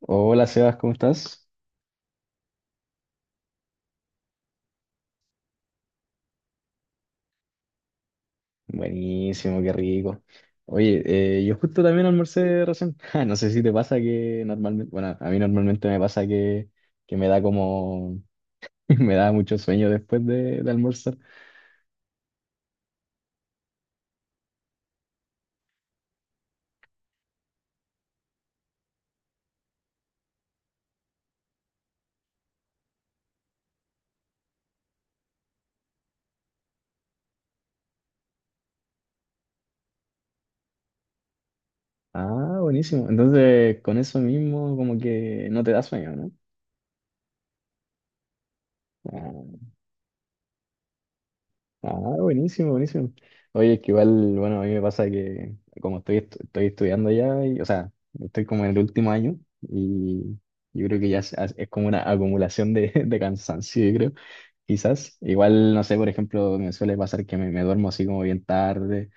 Hola Sebas, ¿cómo estás? Buenísimo, qué rico. Oye, yo justo también almorcé recién. Ja, no sé si te pasa que normalmente, bueno, a mí normalmente me pasa que me da como, me da mucho sueño después de almorzar. Ah, buenísimo. Entonces, con eso mismo como que no te da sueño, ¿no? Ah, ah, buenísimo, buenísimo. Oye, es que igual, bueno, a mí me pasa que como estoy estudiando ya, y, o sea, estoy como en el último año y yo creo que ya es como una acumulación de, de cansancio, yo creo, quizás. Igual, no sé, por ejemplo, me suele pasar que me duermo así como bien tarde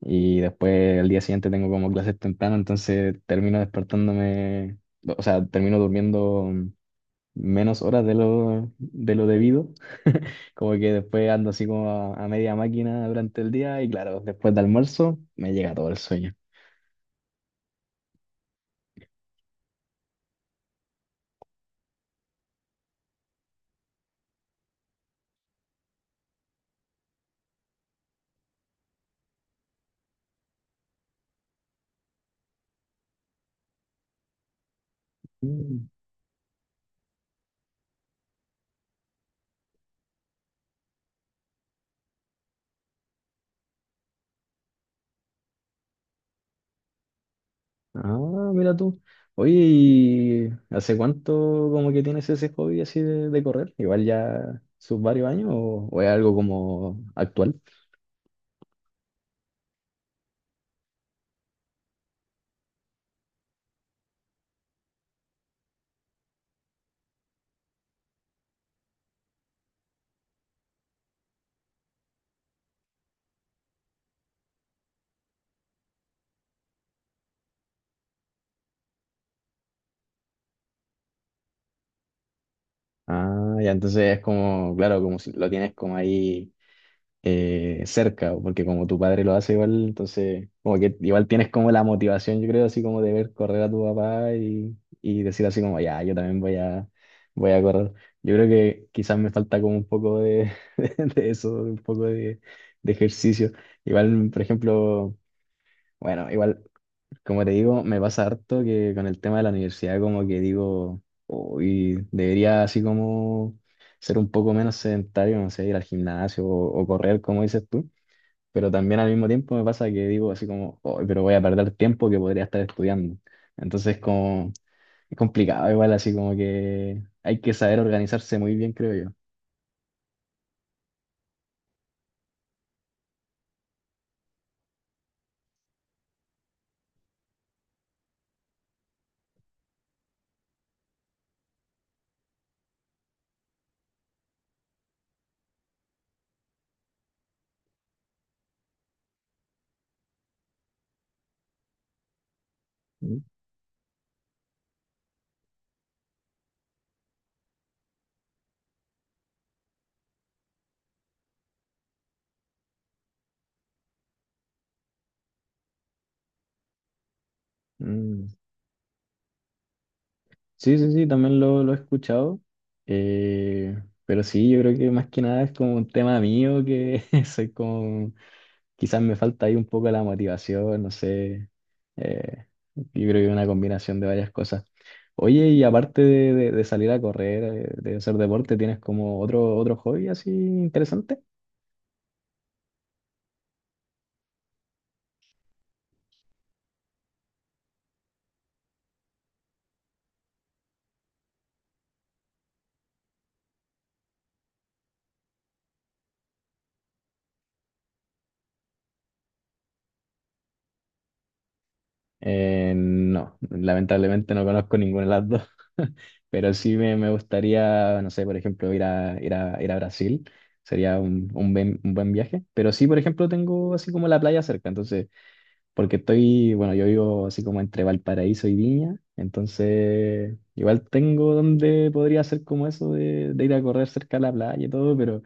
y después al día siguiente tengo como clases temprano, entonces termino despertándome, o sea, termino durmiendo menos horas de lo debido. Como que después ando así como a media máquina durante el día y claro, después de almuerzo me llega todo el sueño. Mm. Ah, mira tú. Oye, ¿y hace cuánto como que tienes ese hobby así de correr? Igual ya sus varios años o es algo como actual. Ah, ya entonces es como, claro, como si lo tienes como ahí cerca, o porque como tu padre lo hace igual, entonces como que igual tienes como la motivación, yo creo, así como de ver correr a tu papá y decir así como, ya, yo también voy a correr. Yo creo que quizás me falta como un poco de, de eso, un poco de ejercicio. Igual, por ejemplo, bueno, igual, como te digo, me pasa harto que con el tema de la universidad como que digo, uy, debería así como... ser un poco menos sedentario, no sé, ir al gimnasio o correr, como dices tú, pero también al mismo tiempo me pasa que digo así como, "Oh, pero voy a perder tiempo que podría estar estudiando". Entonces como, es complicado igual, así como que hay que saber organizarse muy bien, creo yo. Mm, mm. Sí, sí, sí, también lo he escuchado, eh, pero sí, yo creo que más que nada es como un tema mío que soy como. Quizás me falta ahí un poco la motivación, no sé. Eh, yo creo que es una combinación de varias cosas. Oye, y aparte de salir a correr, de hacer deporte, ¿tienes como otro, otro hobby así interesante? No, lamentablemente no conozco ninguna de las dos, pero sí me gustaría, no sé, por ejemplo, ir a Brasil, sería un buen viaje, pero sí, por ejemplo, tengo así como la playa cerca, entonces. Porque estoy, bueno, yo vivo así como entre Valparaíso y Viña, entonces igual tengo donde podría hacer como eso de ir a correr cerca de la playa y todo, pero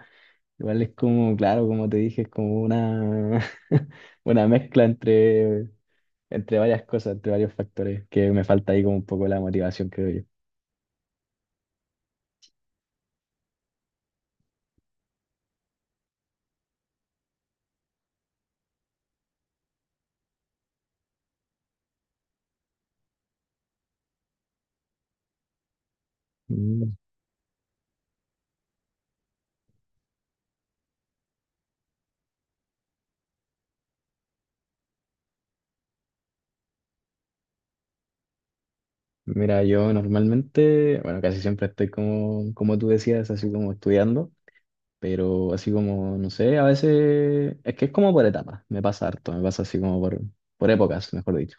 igual es como, claro, como te dije, es como una, una mezcla entre, entre varias cosas, entre varios factores, que me falta ahí como un poco la motivación, creo yo. Mm. Mira, yo normalmente, bueno, casi siempre estoy como, como tú decías, así como estudiando. Pero así como, no sé, a veces es que es como por etapas, me pasa harto, me pasa así como por épocas, mejor dicho.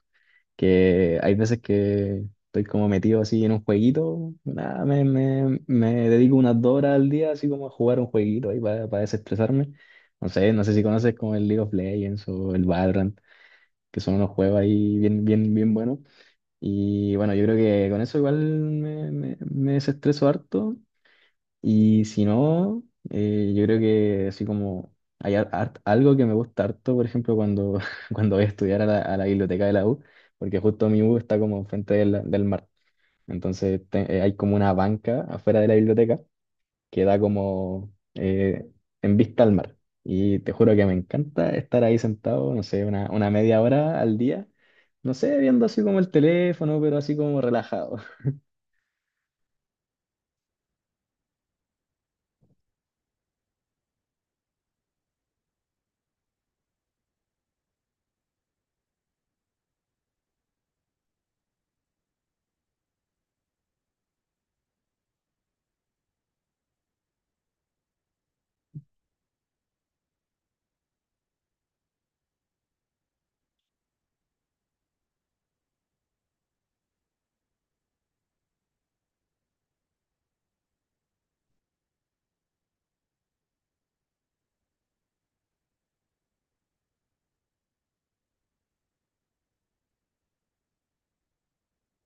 Que hay veces que estoy como metido así en un jueguito, nada, me dedico unas dos horas al día así como a jugar un jueguito ahí para desestresarme. No sé, no sé si conoces como el League of Legends o el Valorant, que son unos juegos ahí bien, bien, bien buenos. Y bueno, yo creo que con eso igual me desestreso harto. Y si no, yo creo que así como hay algo que me gusta harto, por ejemplo, cuando, cuando voy a estudiar a a la biblioteca de la U, porque justo mi U está como enfrente del, del mar. Entonces hay como una banca afuera de la biblioteca que da como en vista al mar. Y te juro que me encanta estar ahí sentado, no sé, una media hora al día, no sé, viendo así como el teléfono, pero así como relajado.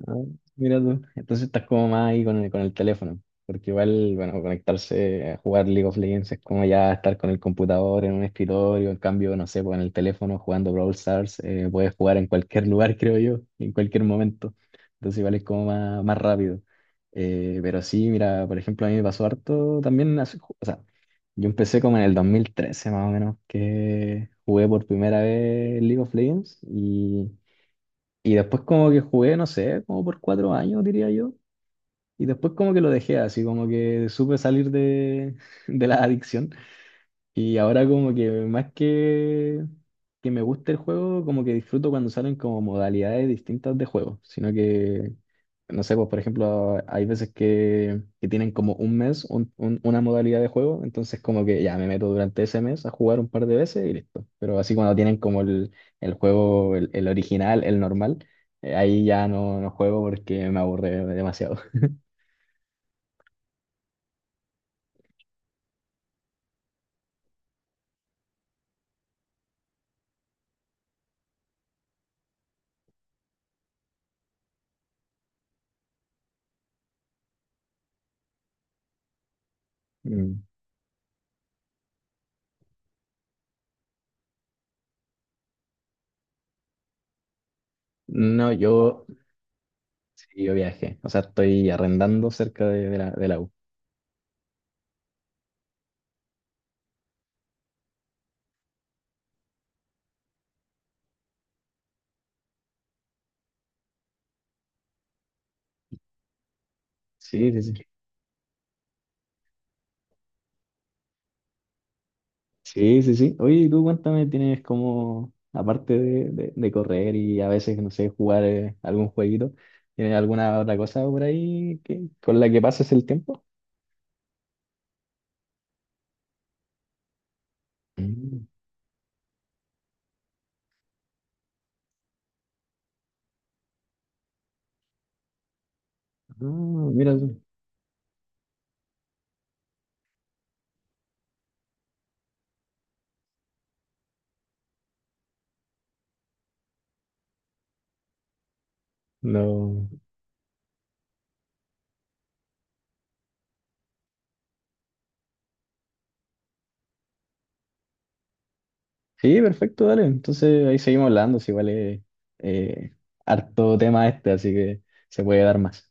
Ah, mira tú. Entonces estás como más ahí con el teléfono. Porque igual, bueno, conectarse a jugar League of Legends es como ya estar con el computador en un escritorio. En cambio, no sé, pues en el teléfono jugando Brawl Stars, puedes jugar en cualquier lugar, creo yo, en cualquier momento. Entonces igual es como más, más rápido. Pero sí, mira, por ejemplo, a mí me pasó harto también. O sea, yo empecé como en el 2013 más o menos, que jugué por primera vez League of Legends. Y después como que jugué, no sé, como por cuatro años, diría yo. Y después como que lo dejé así, como que supe salir de, de la adicción. Y ahora como que más que me gusta el juego, como que disfruto cuando salen como modalidades distintas de juego, sino que, no sé, pues por ejemplo, hay veces que tienen como un mes una modalidad de juego, entonces como que ya me meto durante ese mes a jugar un par de veces y listo. Pero así cuando tienen como el juego, el original, el normal, ahí ya no, no juego porque me aburre demasiado. Mm. No, yo, sí, yo viajé, o sea, estoy arrendando cerca de la, de la U. Sí, sí, sí. Sí, sí, sí. Oye, y tú cuéntame, tienes como, aparte de correr y a veces, no sé, jugar algún jueguito, ¿tienes alguna otra cosa por ahí que, con la que pases el tiempo? Mm. Ah, mira tú. No. Sí, perfecto, dale. Entonces ahí seguimos hablando, si vale. eh, Harto tema este, así que se puede dar más.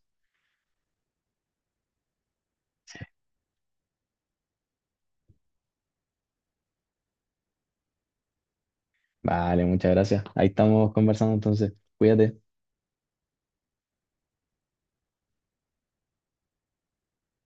Vale, muchas gracias. Ahí estamos conversando entonces. Cuídate.